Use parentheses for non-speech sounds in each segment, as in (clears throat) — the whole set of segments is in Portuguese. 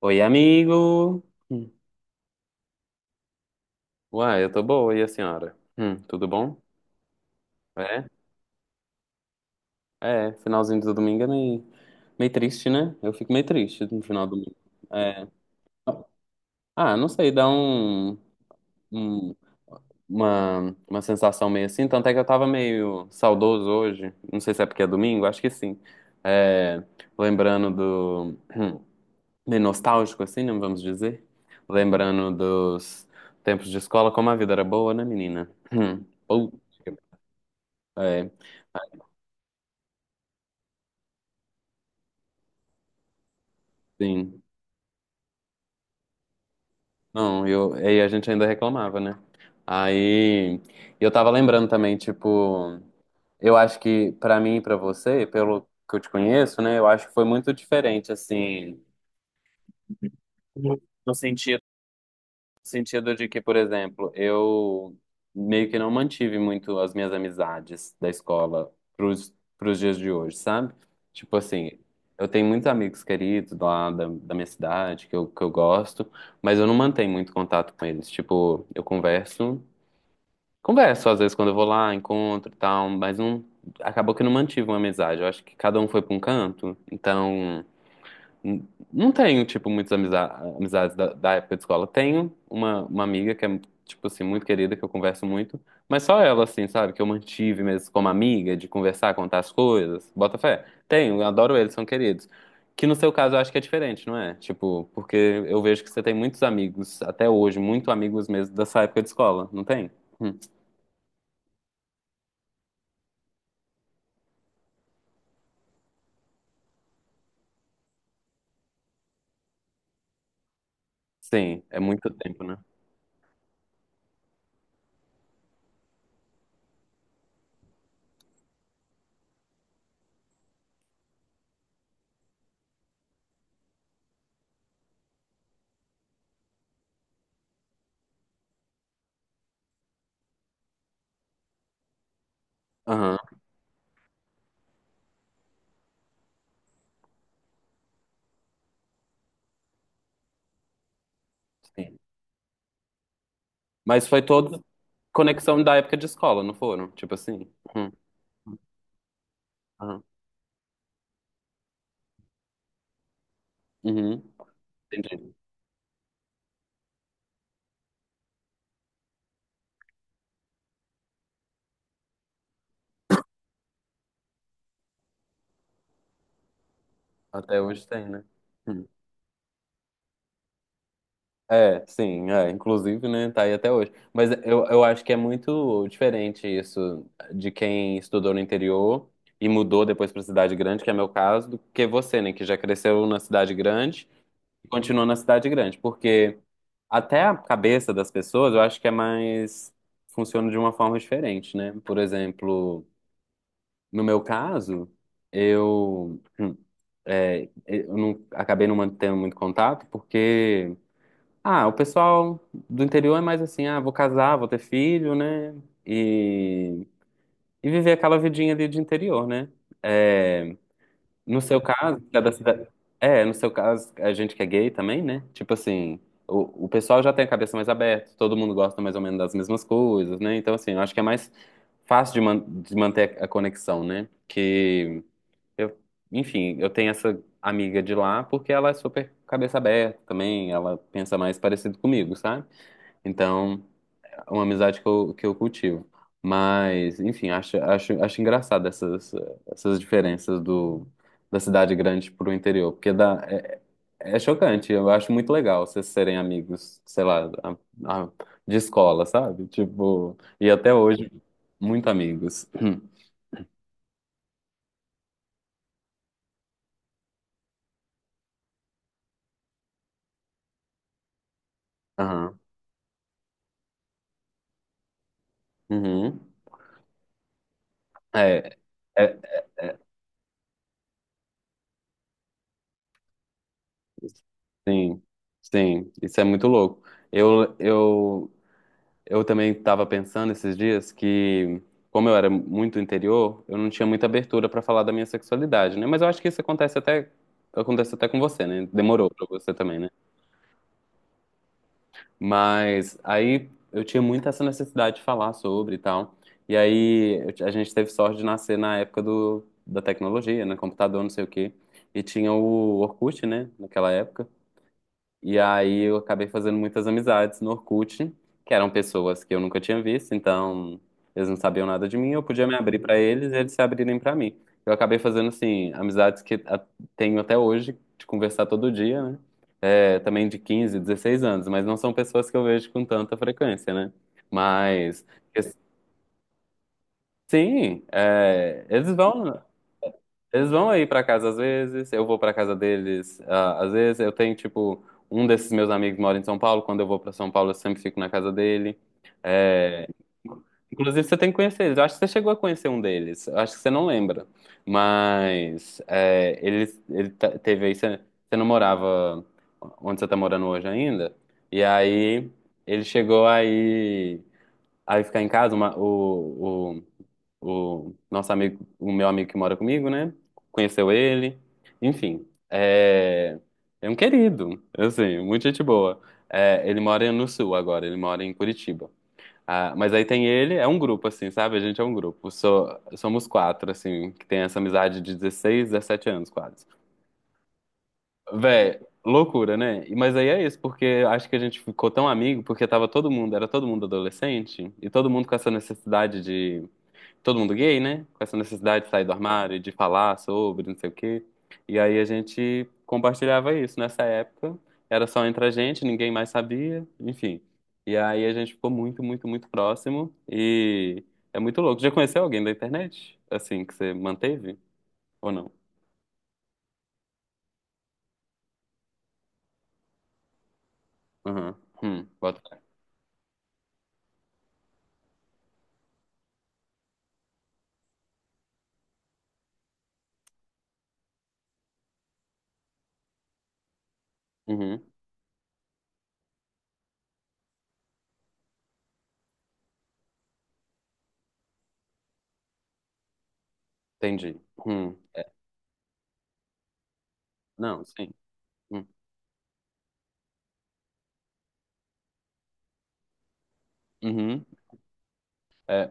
Oi, amigo. Hum. Uai, eu tô boa, e a senhora? Tudo bom? É? É, finalzinho do domingo é meio triste, né? Eu fico meio triste no final do domingo. É. Ah, não sei, dá um- uma sensação meio assim, tanto é que eu tava meio saudoso hoje, não sei se é porque é domingo, acho que sim. É, lembrando do, (clears throat) hum, meio nostálgico assim, né, vamos dizer? Lembrando dos tempos de escola, como a vida era boa, né, menina? Hum. Putz, é. Sim. Não, aí a gente ainda reclamava, né? Aí eu tava lembrando também, tipo, eu acho que pra mim e pra você, pelo que eu te conheço, né, eu acho que foi muito diferente, assim, no sentido de que, por exemplo, eu meio que não mantive muito as minhas amizades da escola pros dias de hoje, sabe? Tipo assim, eu tenho muitos amigos queridos lá da minha cidade que eu gosto, mas eu não mantenho muito contato com eles. Tipo, eu converso às vezes quando eu vou lá, encontro e tal, mas não, acabou que eu não mantive uma amizade. Eu acho que cada um foi pra um canto, então. N- Não tenho, tipo, muitas amizades da época de escola. Tenho uma amiga que é, tipo assim, muito querida, que eu converso muito, mas só ela, assim, sabe, que eu mantive mesmo como amiga, de conversar, contar as coisas, bota fé. Tenho, eu adoro eles, são queridos. Que no seu caso eu acho que é diferente, não é? Tipo, porque eu vejo que você tem muitos amigos, até hoje, muito amigos mesmo dessa época de escola, não tem? Hum. Sim, é muito tempo, né? Aham, sim. Mas foi toda conexão da época de escola, não foram? Tipo assim? Hum. Aham. Uhum, entendi. Até hoje tem, né? Hum. É, sim, é. Inclusive, né, tá aí até hoje. Mas eu acho que é muito diferente isso de quem estudou no interior e mudou depois pra cidade grande, que é meu caso, do que você, né, que já cresceu na cidade grande e continuou na cidade grande. Porque até a cabeça das pessoas, eu acho que é mais, funciona de uma forma diferente, né? Por exemplo, no meu caso, eu... hum, é, eu não, acabei não mantendo muito contato, porque, ah, o pessoal do interior é mais assim, ah, vou casar, vou ter filho, né? E, e viver aquela vidinha ali de interior, né? É, no seu caso, que é da cidade- é, no seu caso, a gente que é gay também, né? Tipo assim, o pessoal já tem a cabeça mais aberta, todo mundo gosta mais ou menos das mesmas coisas, né? Então, assim, eu acho que é mais fácil de manter a conexão, né? Que eu, enfim, eu tenho essa amiga de lá porque ela é super cabeça aberta também, ela pensa mais parecido comigo, sabe? Então, é uma amizade que eu cultivo. Mas, enfim, acho engraçado essas diferenças do, da cidade grande pro interior, porque dá, é chocante, eu acho muito legal vocês serem amigos, sei lá, a- de escola, sabe? Tipo, e até hoje, muito amigos. (clears throat) Aham. Uhum. É. É, sim, sim, isso é muito louco. Eu, eu, eu também estava pensando esses dias que, como eu era muito interior, eu não tinha muita abertura para falar da minha sexualidade, né? Mas eu acho que isso acontece até com você, né? Demorou para você também, né? Mas aí eu tinha muito essa necessidade de falar sobre e tal. E aí a gente teve sorte de nascer na época do, da tecnologia, né? Computador, não sei o quê. E tinha o Orkut, né? Naquela época. E aí eu acabei fazendo muitas amizades no Orkut, que eram pessoas que eu nunca tinha visto, então eles não sabiam nada de mim, eu podia me abrir pra eles e eles se abrirem pra mim. Eu acabei fazendo, assim, amizades que tenho até hoje, de conversar todo dia, né? É, também de 15 16 anos, mas não são pessoas que eu vejo com tanta frequência, né? Mas, sim, é, eles vão. Eles vão aí pra casa às vezes, eu vou pra casa deles ah, às vezes. Eu tenho, tipo, um desses meus amigos mora em São Paulo. Quando eu vou pra São Paulo, eu sempre fico na casa dele. É, inclusive, você tem que conhecer eles. Eu acho que você chegou a conhecer um deles. Eu acho que você não lembra. Mas é, ele teve aí. Você não morava onde você tá morando hoje ainda. E aí ele chegou aí, aí ficar em casa. O nosso amigo, o meu amigo que mora comigo, né? Conheceu ele. Enfim, é um querido, assim, muita gente boa. É, ele mora no sul agora, ele mora em Curitiba. Ah, mas aí tem ele, é um grupo, assim, sabe? A gente é um grupo. Somos quatro, assim, que tem essa amizade de 16 17 anos, quase. Véi, loucura, né? Mas aí é isso, porque eu acho que a gente ficou tão amigo, porque tava todo mundo, era todo mundo adolescente, e todo mundo com essa necessidade todo mundo gay, né? Com essa necessidade de sair do armário, de falar sobre, não sei o quê. E aí a gente compartilhava isso nessa época. Era só entre a gente, ninguém mais sabia, enfim. E aí a gente ficou muito, muito, muito próximo. E é muito louco. Já conheceu alguém da internet? Assim, que você manteve? Ou não? Uhum. Bota fé. Uhum. Entendi. Hum. É. Não, sim. Hum. Uhum. É,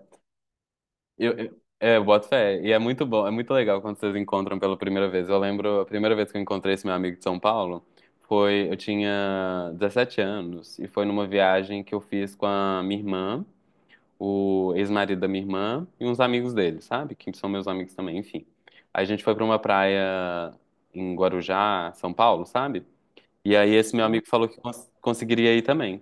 eu boto fé. E é muito bom, é muito legal quando vocês encontram pela primeira vez. Eu lembro, a primeira vez que eu encontrei esse meu amigo de São Paulo foi, eu tinha 17 anos e foi numa viagem que eu fiz com a minha irmã, o ex-marido da minha irmã e uns amigos dele, sabe? Que são meus amigos também, enfim. A gente foi pra uma praia em Guarujá, São Paulo, sabe? E aí esse meu amigo falou que conseguiria ir também.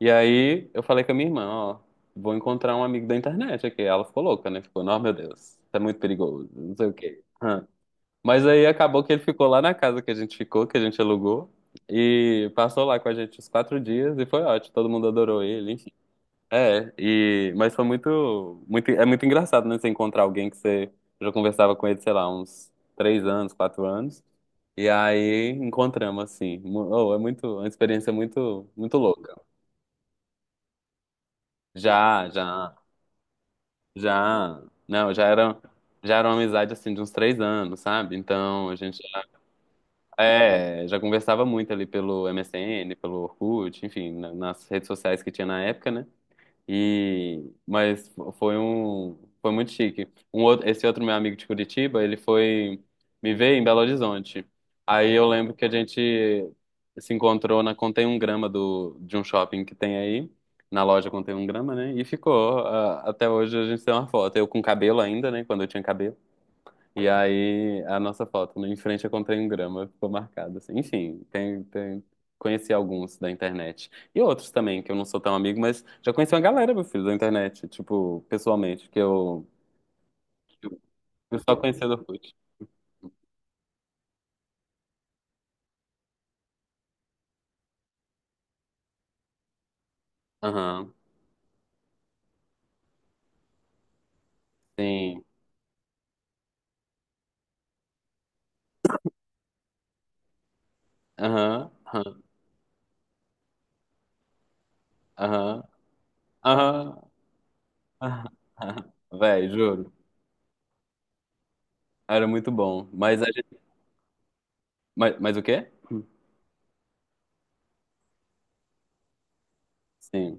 E aí eu falei com a minha irmã, ó, vou encontrar um amigo da internet aqui. Ela ficou louca, né? Ficou, não, meu Deus, isso é muito perigoso, não sei o quê. Hã. Mas aí acabou que ele ficou lá na casa que a gente ficou, que a gente alugou, e passou lá com a gente os 4 dias e foi ótimo, todo mundo adorou ele, enfim. É, e, mas foi muito, muito, é muito engraçado, né? Você encontrar alguém que você já conversava com ele, sei lá, uns 3 anos, 4 anos. E aí encontramos, assim. Oh, é muito, uma experiência muito, muito louca. Já, já. Já, não, já era uma amizade assim de uns 3 anos, sabe? Então a gente é, já conversava muito ali pelo MSN, pelo Orkut, enfim, nas redes sociais que tinha na época, né? E mas foi muito chique. Esse outro meu amigo de Curitiba, ele foi me ver em Belo Horizonte. Aí eu lembro que a gente se encontrou na Contém um Grama do de um shopping que tem aí, na loja Contém um Grama, né? E ficou ah, até hoje a gente tem uma foto. Eu com cabelo ainda, né? Quando eu tinha cabelo. E aí, a nossa foto, né, em frente eu comprei um grama, ficou marcado, assim. Enfim, conheci alguns da internet. E outros também, que eu não sou tão amigo, mas já conheci uma galera, meu filho, da internet, tipo, pessoalmente, que eu só conhecia do Orkut. Aham, sim. Aham, aham, aham, aham, aham. (laughs) Aham. Véi, juro. Era muito bom. Mas a gente... Mas o quê? Sim.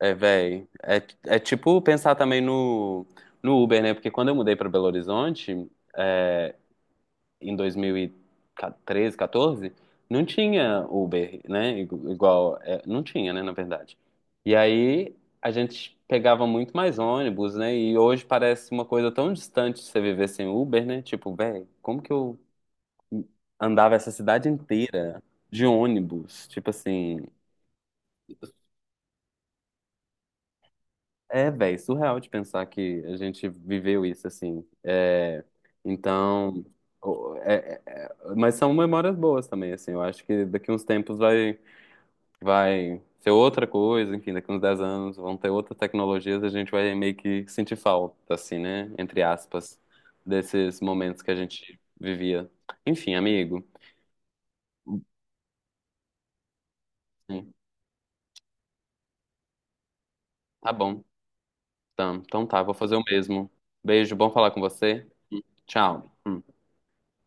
É, véi. É tipo pensar também no Uber, né? Porque quando eu mudei para Belo Horizonte, é, em 2013, 14, não tinha Uber, né? Igual. É, não tinha, né? Na verdade. E aí a gente pegava muito mais ônibus, né? E hoje parece uma coisa tão distante de você viver sem Uber, né? Tipo, véi, como que eu andava essa cidade inteira de ônibus? Tipo assim. É, velho, surreal de pensar que a gente viveu isso, assim. É, então, mas são memórias boas também, assim. Eu acho que daqui uns tempos vai ser outra coisa, enfim, daqui uns 10 anos vão ter outras tecnologias, a gente vai meio que sentir falta, assim, né? Entre aspas, desses momentos que a gente vivia. Enfim, amigo. Sim, tá bom. Então tá, vou fazer o mesmo. Beijo, bom falar com você. Tchau.